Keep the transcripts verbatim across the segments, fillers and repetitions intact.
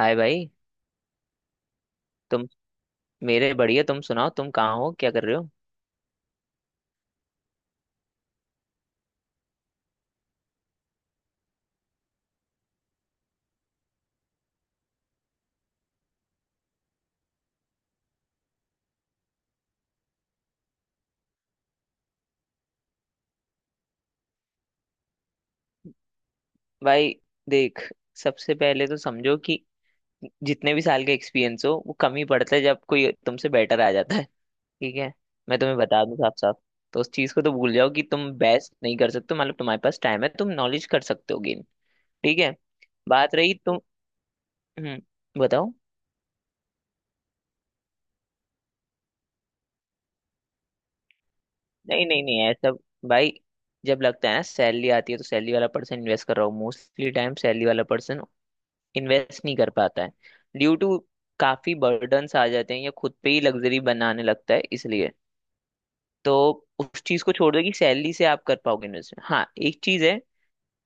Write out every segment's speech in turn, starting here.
हाय भाई। तुम? मेरे बढ़िया, तुम सुनाओ, तुम कहाँ हो, क्या कर रहे हो? भाई देख, सबसे पहले तो समझो कि जितने भी साल का एक्सपीरियंस हो वो कम ही पड़ता है जब कोई तुमसे बेटर आ जाता है। ठीक है, मैं तुम्हें बता दूं साफ साफ। तो उस चीज़ को तो भूल जाओ कि तुम बेस्ट नहीं कर सकते हो, मतलब तुम्हारे पास टाइम है, तुम नॉलेज कर सकते हो गेन। ठीक है, बात रही तुम। हम्म, बताओ। नहीं नहीं नहीं, ऐसा भाई, जब लगता है ना सैलरी आती है तो सैलरी वाला पर्सन इन्वेस्ट कर रहा हूँ, मोस्टली टाइम सैलरी वाला पर्सन इन्वेस्ट नहीं कर पाता है। ड्यू टू काफी बर्डन्स आ जाते हैं या खुद पे ही लग्जरी बनाने लगता है, इसलिए तो उस चीज को छोड़ दो कि सैलरी से आप कर पाओगे इन्वेस्ट। हाँ, एक चीज है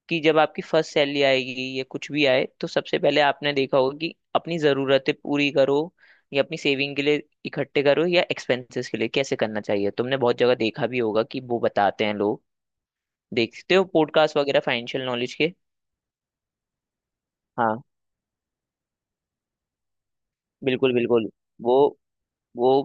कि जब आपकी फर्स्ट सैलरी आएगी या कुछ भी आए तो सबसे पहले आपने देखा होगा कि अपनी जरूरतें पूरी करो या अपनी सेविंग के लिए इकट्ठे करो या एक्सपेंसेस के लिए कैसे करना चाहिए, तुमने बहुत जगह देखा भी होगा कि वो बताते हैं लोग, देखते हो पॉडकास्ट वगैरह फाइनेंशियल नॉलेज के। हाँ, बिल्कुल बिल्कुल। वो वो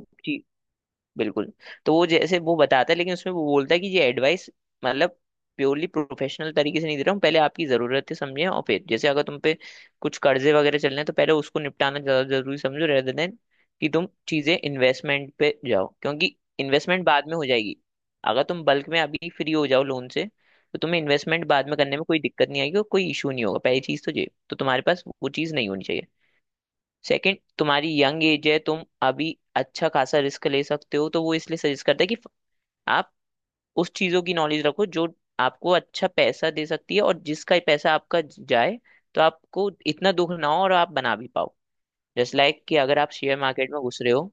बिल्कुल। तो वो जैसे वो बताता है, लेकिन उसमें वो बोलता है कि ये एडवाइस, मतलब प्योरली प्रोफेशनल तरीके से नहीं दे रहा हूँ, पहले आपकी ज़रूरतें समझें और फिर जैसे अगर तुम पे कुछ कर्जे वगैरह चल रहे हैं तो पहले उसको निपटाना ज़्यादा ज़रूरी समझो, रहते देन कि तुम चीज़ें इन्वेस्टमेंट पे जाओ, क्योंकि इन्वेस्टमेंट बाद में हो जाएगी। अगर तुम बल्क में अभी फ्री हो जाओ लोन से तो तुम्हें इन्वेस्टमेंट बाद में करने में कोई दिक्कत नहीं आएगी और कोई इशू नहीं होगा। पहली चीज़ तो ये, तो तुम्हारे पास वो चीज़ नहीं होनी चाहिए। सेकंड, तुम्हारी यंग एज है, तुम अभी अच्छा खासा रिस्क ले सकते हो, तो वो इसलिए सजेस्ट करता है कि आप उस चीजों की नॉलेज रखो जो आपको अच्छा पैसा दे सकती है और जिसका पैसा आपका जाए तो आपको इतना दुख ना हो और आप बना भी पाओ। जस्ट लाइक कि अगर आप शेयर मार्केट में घुस रहे हो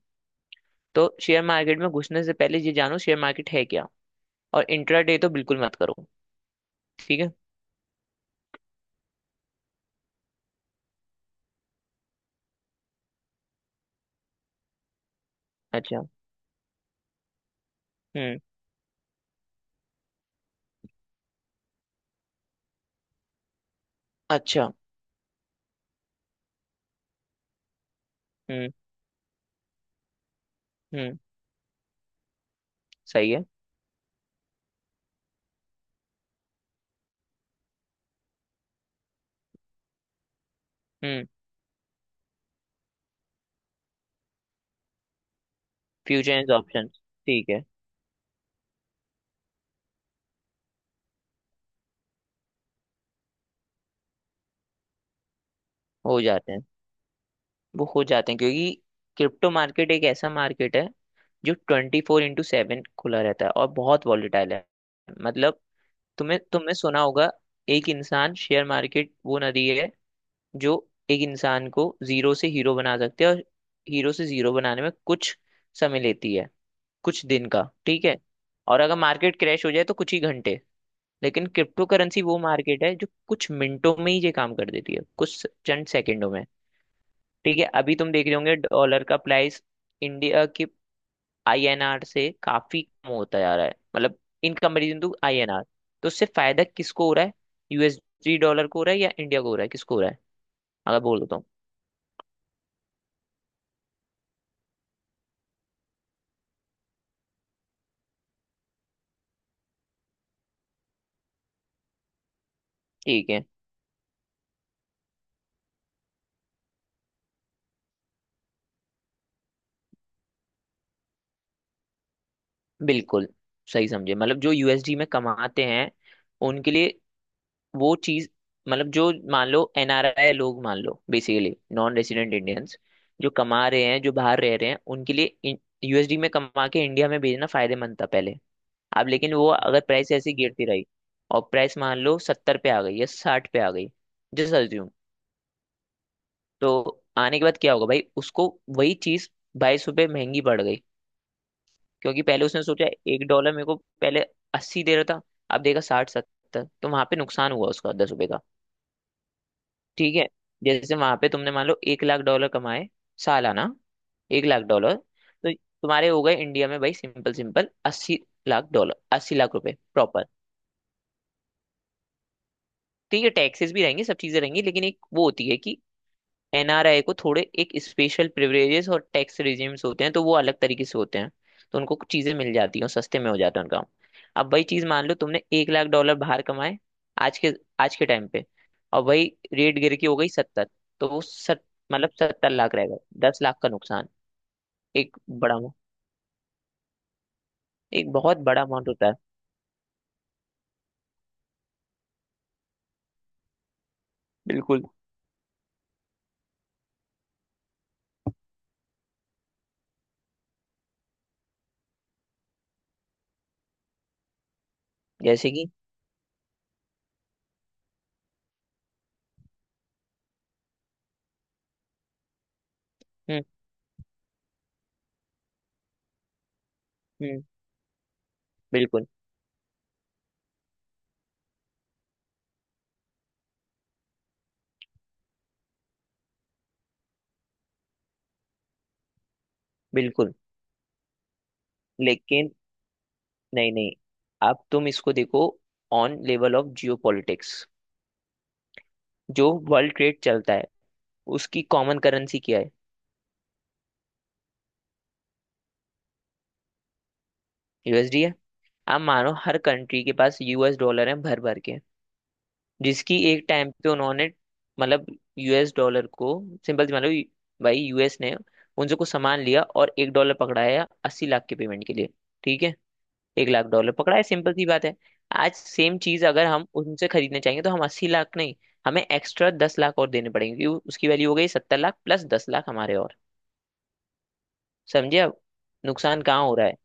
तो शेयर मार्केट में घुसने से पहले ये जानो शेयर मार्केट है क्या। और इंट्राडे तो बिल्कुल मत करो। ठीक है। अच्छा। हम्म। अच्छा। हम्म हम्म। सही है। हम्म। फ्यूचर एंड ऑप्शन, ठीक है। हो जाते हैं, वो हो जाते हैं क्योंकि क्रिप्टो मार्केट एक ऐसा मार्केट है जो ट्वेंटी फोर इंटू सेवन खुला रहता है और बहुत वॉलीटाइल है। मतलब तुम्हें, तुमने सुना होगा, एक इंसान शेयर मार्केट वो नदी है जो एक इंसान को जीरो से हीरो बना सकती है, और हीरो से जीरो बनाने में कुछ समय लेती है, कुछ दिन का, ठीक है, और अगर मार्केट क्रैश हो जाए तो कुछ ही घंटे। लेकिन क्रिप्टो करेंसी वो मार्केट है जो कुछ मिनटों में ही ये काम कर देती है, कुछ चंद सेकंडों में। ठीक है, अभी तुम देख रहे होंगे डॉलर का प्राइस इंडिया की आईएनआर से काफी कम होता जा रहा है, मतलब इन कंपेरिजन टू आईएनआर। तो उससे फायदा किसको हो रहा है? यूएसडी डॉलर को हो रहा है या इंडिया को हो रहा है, किसको हो रहा है? अगर बोल देता हूँ, ठीक है। बिल्कुल सही समझे, मतलब जो यूएसडी में कमाते हैं उनके लिए वो चीज, मतलब जो मान लो एनआरआई लोग, मान लो बेसिकली नॉन रेजिडेंट इंडियंस, जो कमा रहे हैं, जो बाहर रह रहे हैं उनके लिए यूएसडी में कमा के इंडिया में भेजना फायदेमंद था पहले। अब लेकिन वो अगर प्राइस ऐसी गिरती रही और प्राइस मान लो सत्तर पे आ गई या साठ पे आ गई, जस्ट अज्यूम, तो आने के बाद क्या होगा भाई? उसको वही चीज बाईस रुपये महंगी पड़ गई, क्योंकि पहले उसने सोचा एक डॉलर मेरे को पहले अस्सी दे रहा था, अब देगा साठ सत्तर, तो वहां पे नुकसान हुआ उसका दस रुपये का। ठीक है, जैसे वहां पे तुमने मान लो एक लाख डॉलर कमाए सालाना, एक लाख डॉलर तो तुम्हारे हो गए इंडिया में, भाई सिंपल सिंपल अस्सी लाख डॉलर, अस्सी लाख रुपए प्रॉपर। ठीक है, टैक्सेस भी रहेंगे, सब चीजें रहेंगी, लेकिन एक वो होती है कि एनआरआई को थोड़े एक स्पेशल प्रिविलेजेस और टैक्स रिजीम्स होते हैं, तो वो अलग तरीके से होते हैं, तो उनको कुछ चीजें मिल जाती हैं और सस्ते में हो जाता है उनका काम। अब वही चीज, मान लो तुमने एक लाख डॉलर बाहर कमाए, आज के आज के टाइम पे, और वही रेट गिर के हो गई सत्तर। तो वो सत मतलब सत्तर लाख रहेगा, दस लाख का नुकसान। एक बड़ा amount- एक बहुत बड़ा अमाउंट होता है। बिल्कुल, जैसे कि हम्म हम्म। बिल्कुल बिल्कुल, लेकिन नहीं नहीं, अब तुम इसको देखो on level of geo politics, जो वर्ल्ड ट्रेड चलता है उसकी कॉमन करेंसी क्या है? यूएसडी है। आप मानो हर कंट्री के पास यूएस डॉलर है भर भर के, जिसकी एक टाइम पे उन्होंने, मतलब यूएस डॉलर को सिंपल सी मानो, भाई यूएस ने उनसे कुछ सामान लिया और एक डॉलर पकड़ाया अस्सी लाख के पेमेंट के लिए, ठीक है? एक लाख डॉलर पकड़ा है, सिंपल सी बात है। आज सेम चीज अगर हम उनसे खरीदने चाहेंगे तो हम अस्सी लाख नहीं, हमें एक्स्ट्रा दस लाख और देने पड़ेंगे, क्योंकि उसकी वैल्यू हो गई सत्तर लाख प्लस दस लाख हमारे और, समझे अब नुकसान कहाँ हो रहा है?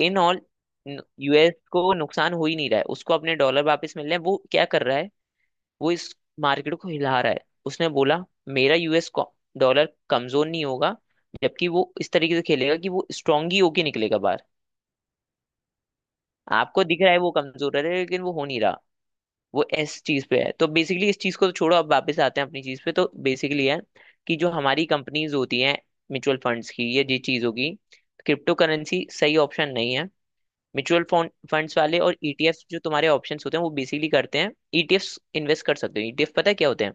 इन ऑल, यूएस को नुकसान हो ही नहीं रहा है, उसको अपने डॉलर वापस मिल रहे हैं। वो क्या कर रहा है? वो इस मार्केट को हिला रहा है। उसने बोला मेरा यूएस डॉलर कमजोर नहीं होगा, जबकि वो इस तरीके से खेलेगा कि वो स्ट्रांग ही होके निकलेगा बाहर। आपको दिख रहा है वो कमजोर है, लेकिन वो हो नहीं रहा, वो इस चीज पे है। तो बेसिकली इस चीज को तो छोड़ो, अब वापस आते हैं अपनी चीज पे, तो बेसिकली है कि जो हमारी कंपनीज होती हैं म्यूचुअल फंड्स की, ये जी चीज होगी, क्रिप्टो करेंसी सही ऑप्शन नहीं है। म्यूचुअल फंड्स वाले और ईटीएफ जो तुम्हारे ऑप्शंस होते हैं वो बेसिकली करते हैं। ईटीएफ इन्वेस्ट कर सकते हो, ईटीएफ पता है क्या होते हैं?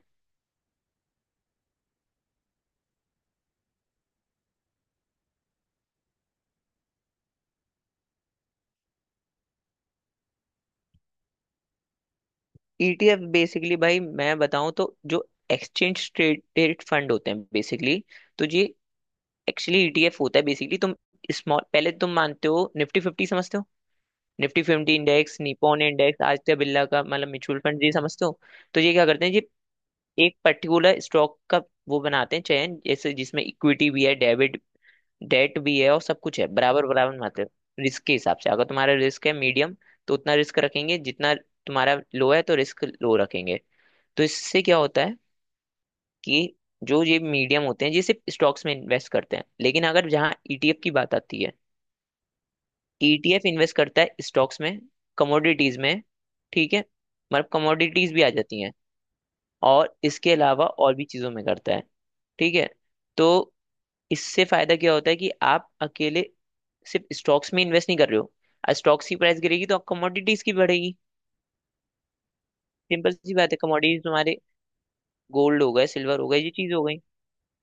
ईटीएफ बेसिकली, भाई मैं बताऊं तो जो एक्सचेंज ट्रेडेड फंड होते हैं बेसिकली, तो ये एक्चुअली ईटीएफ होता है। बेसिकली तुम स्मॉल, पहले तुम मानते हो निफ्टी फिफ्टी समझते हो? Nifty fifty index, Nippon index, Aditya Birla का, मतलब म्यूचुअल फंड, ये समझते हो? तो ये क्या करते हैं, ये एक पर्टिकुलर स्टॉक का वो बनाते हैं चयन, जैसे जिसमें इक्विटी भी है, डेबिट, डेट भी है, और सब कुछ है, बराबर बराबर बनाते हैं रिस्क के हिसाब से। अगर तुम्हारा रिस्क है मीडियम तो उतना रिस्क रखेंगे, जितना तुम्हारा लो है तो रिस्क लो रखेंगे। तो इससे क्या होता है कि जो ये मीडियम होते हैं ये सिर्फ स्टॉक्स में इन्वेस्ट करते हैं, लेकिन अगर जहाँ ईटीएफ की बात आती है, ईटीएफ इन्वेस्ट करता है स्टॉक्स में, कमोडिटीज में, ठीक है, मतलब कमोडिटीज भी आ जाती हैं और इसके अलावा और भी चीजों में करता है, ठीक है, तो इससे फायदा क्या होता है कि आप अकेले सिर्फ स्टॉक्स में इन्वेस्ट नहीं कर रहे हो, स्टॉक्स की प्राइस गिरेगी तो आप कमोडिटीज की बढ़ेगी। सिंपल सी बात है, कमोडिटीज तुम्हारे गोल्ड हो गए, सिल्वर हो गए, ये चीज हो गई,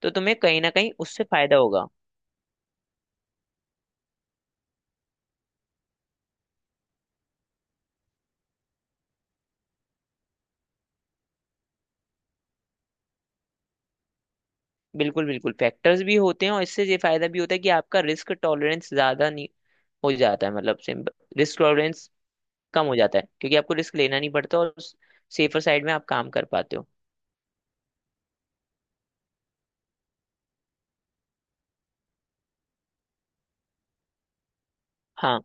तो तुम्हें कहीं ना कहीं उससे फायदा होगा। बिल्कुल बिल्कुल, फैक्टर्स भी होते हैं और इससे ये फायदा भी होता है कि आपका रिस्क टॉलरेंस ज्यादा नहीं हो जाता है, मतलब सिंपल, रिस्क टॉलरेंस कम हो जाता है क्योंकि आपको रिस्क लेना नहीं पड़ता और सेफर साइड में आप काम कर पाते हो। हाँ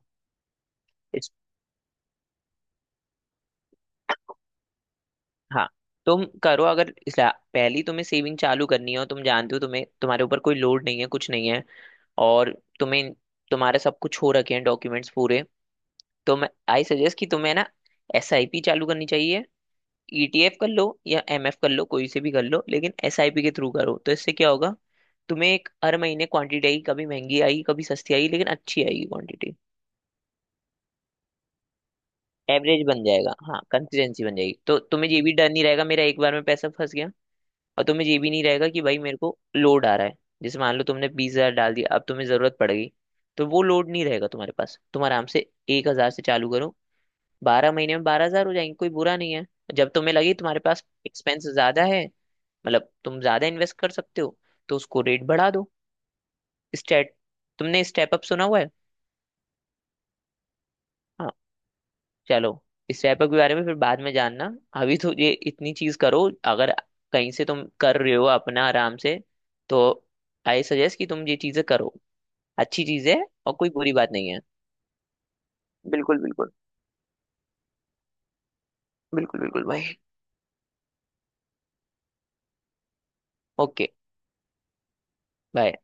इस हाँ तुम करो, अगर इसला- पहली तुम्हें सेविंग चालू करनी है और तुम जानते हो तुम्हें, तुम्हारे ऊपर कोई लोड नहीं है, कुछ नहीं है, और तुम्हें, तुम्हारा सब कुछ हो रखे हैं डॉक्यूमेंट्स पूरे, तो मैं आई सजेस्ट कि तुम्हें ना एसआईपी चालू करनी चाहिए। ईटीएफ कर लो या एमएफ कर लो, कोई से भी कर लो, लेकिन एसआईपी के थ्रू करो, तो इससे क्या होगा, तुम्हें एक हर महीने क्वांटिटी आएगी, कभी महंगी आएगी, कभी सस्ती आएगी, लेकिन अच्छी आएगी क्वांटिटी, एवरेज बन जाएगा। हाँ, कंसिस्टेंसी बन जाएगी, तो तुम्हें ये भी डर नहीं रहेगा मेरा एक बार में पैसा फंस गया, और तुम्हें ये भी नहीं रहेगा कि भाई मेरे को लोड आ रहा है। जैसे मान लो तुमने बीस हजार डाल दिया, अब तुम्हें जरूरत पड़ेगी तो वो लोड नहीं रहेगा तुम्हारे पास, तुम आराम से एक हजार से चालू करो, बारह महीने में बारह हजार हो जाएंगे, कोई बुरा नहीं है। जब तुम्हें लगे तुम्हारे पास एक्सपेंस ज्यादा है, मतलब तुम ज्यादा इन्वेस्ट कर सकते हो, तो उसको रेट बढ़ा दो। स्टेट तुमने स्टेप अप सुना हुआ है? हाँ चलो, स्टेप अप के बारे में फिर बाद में जानना, अभी तो ये इतनी चीज करो। अगर कहीं से तुम कर रहे हो अपना आराम से, तो आई सजेस्ट कि तुम ये चीजें करो, अच्छी चीज है और कोई बुरी बात नहीं है। बिल्कुल बिल्कुल, बिल्कुल बिल्कुल भाई, ओके बाय।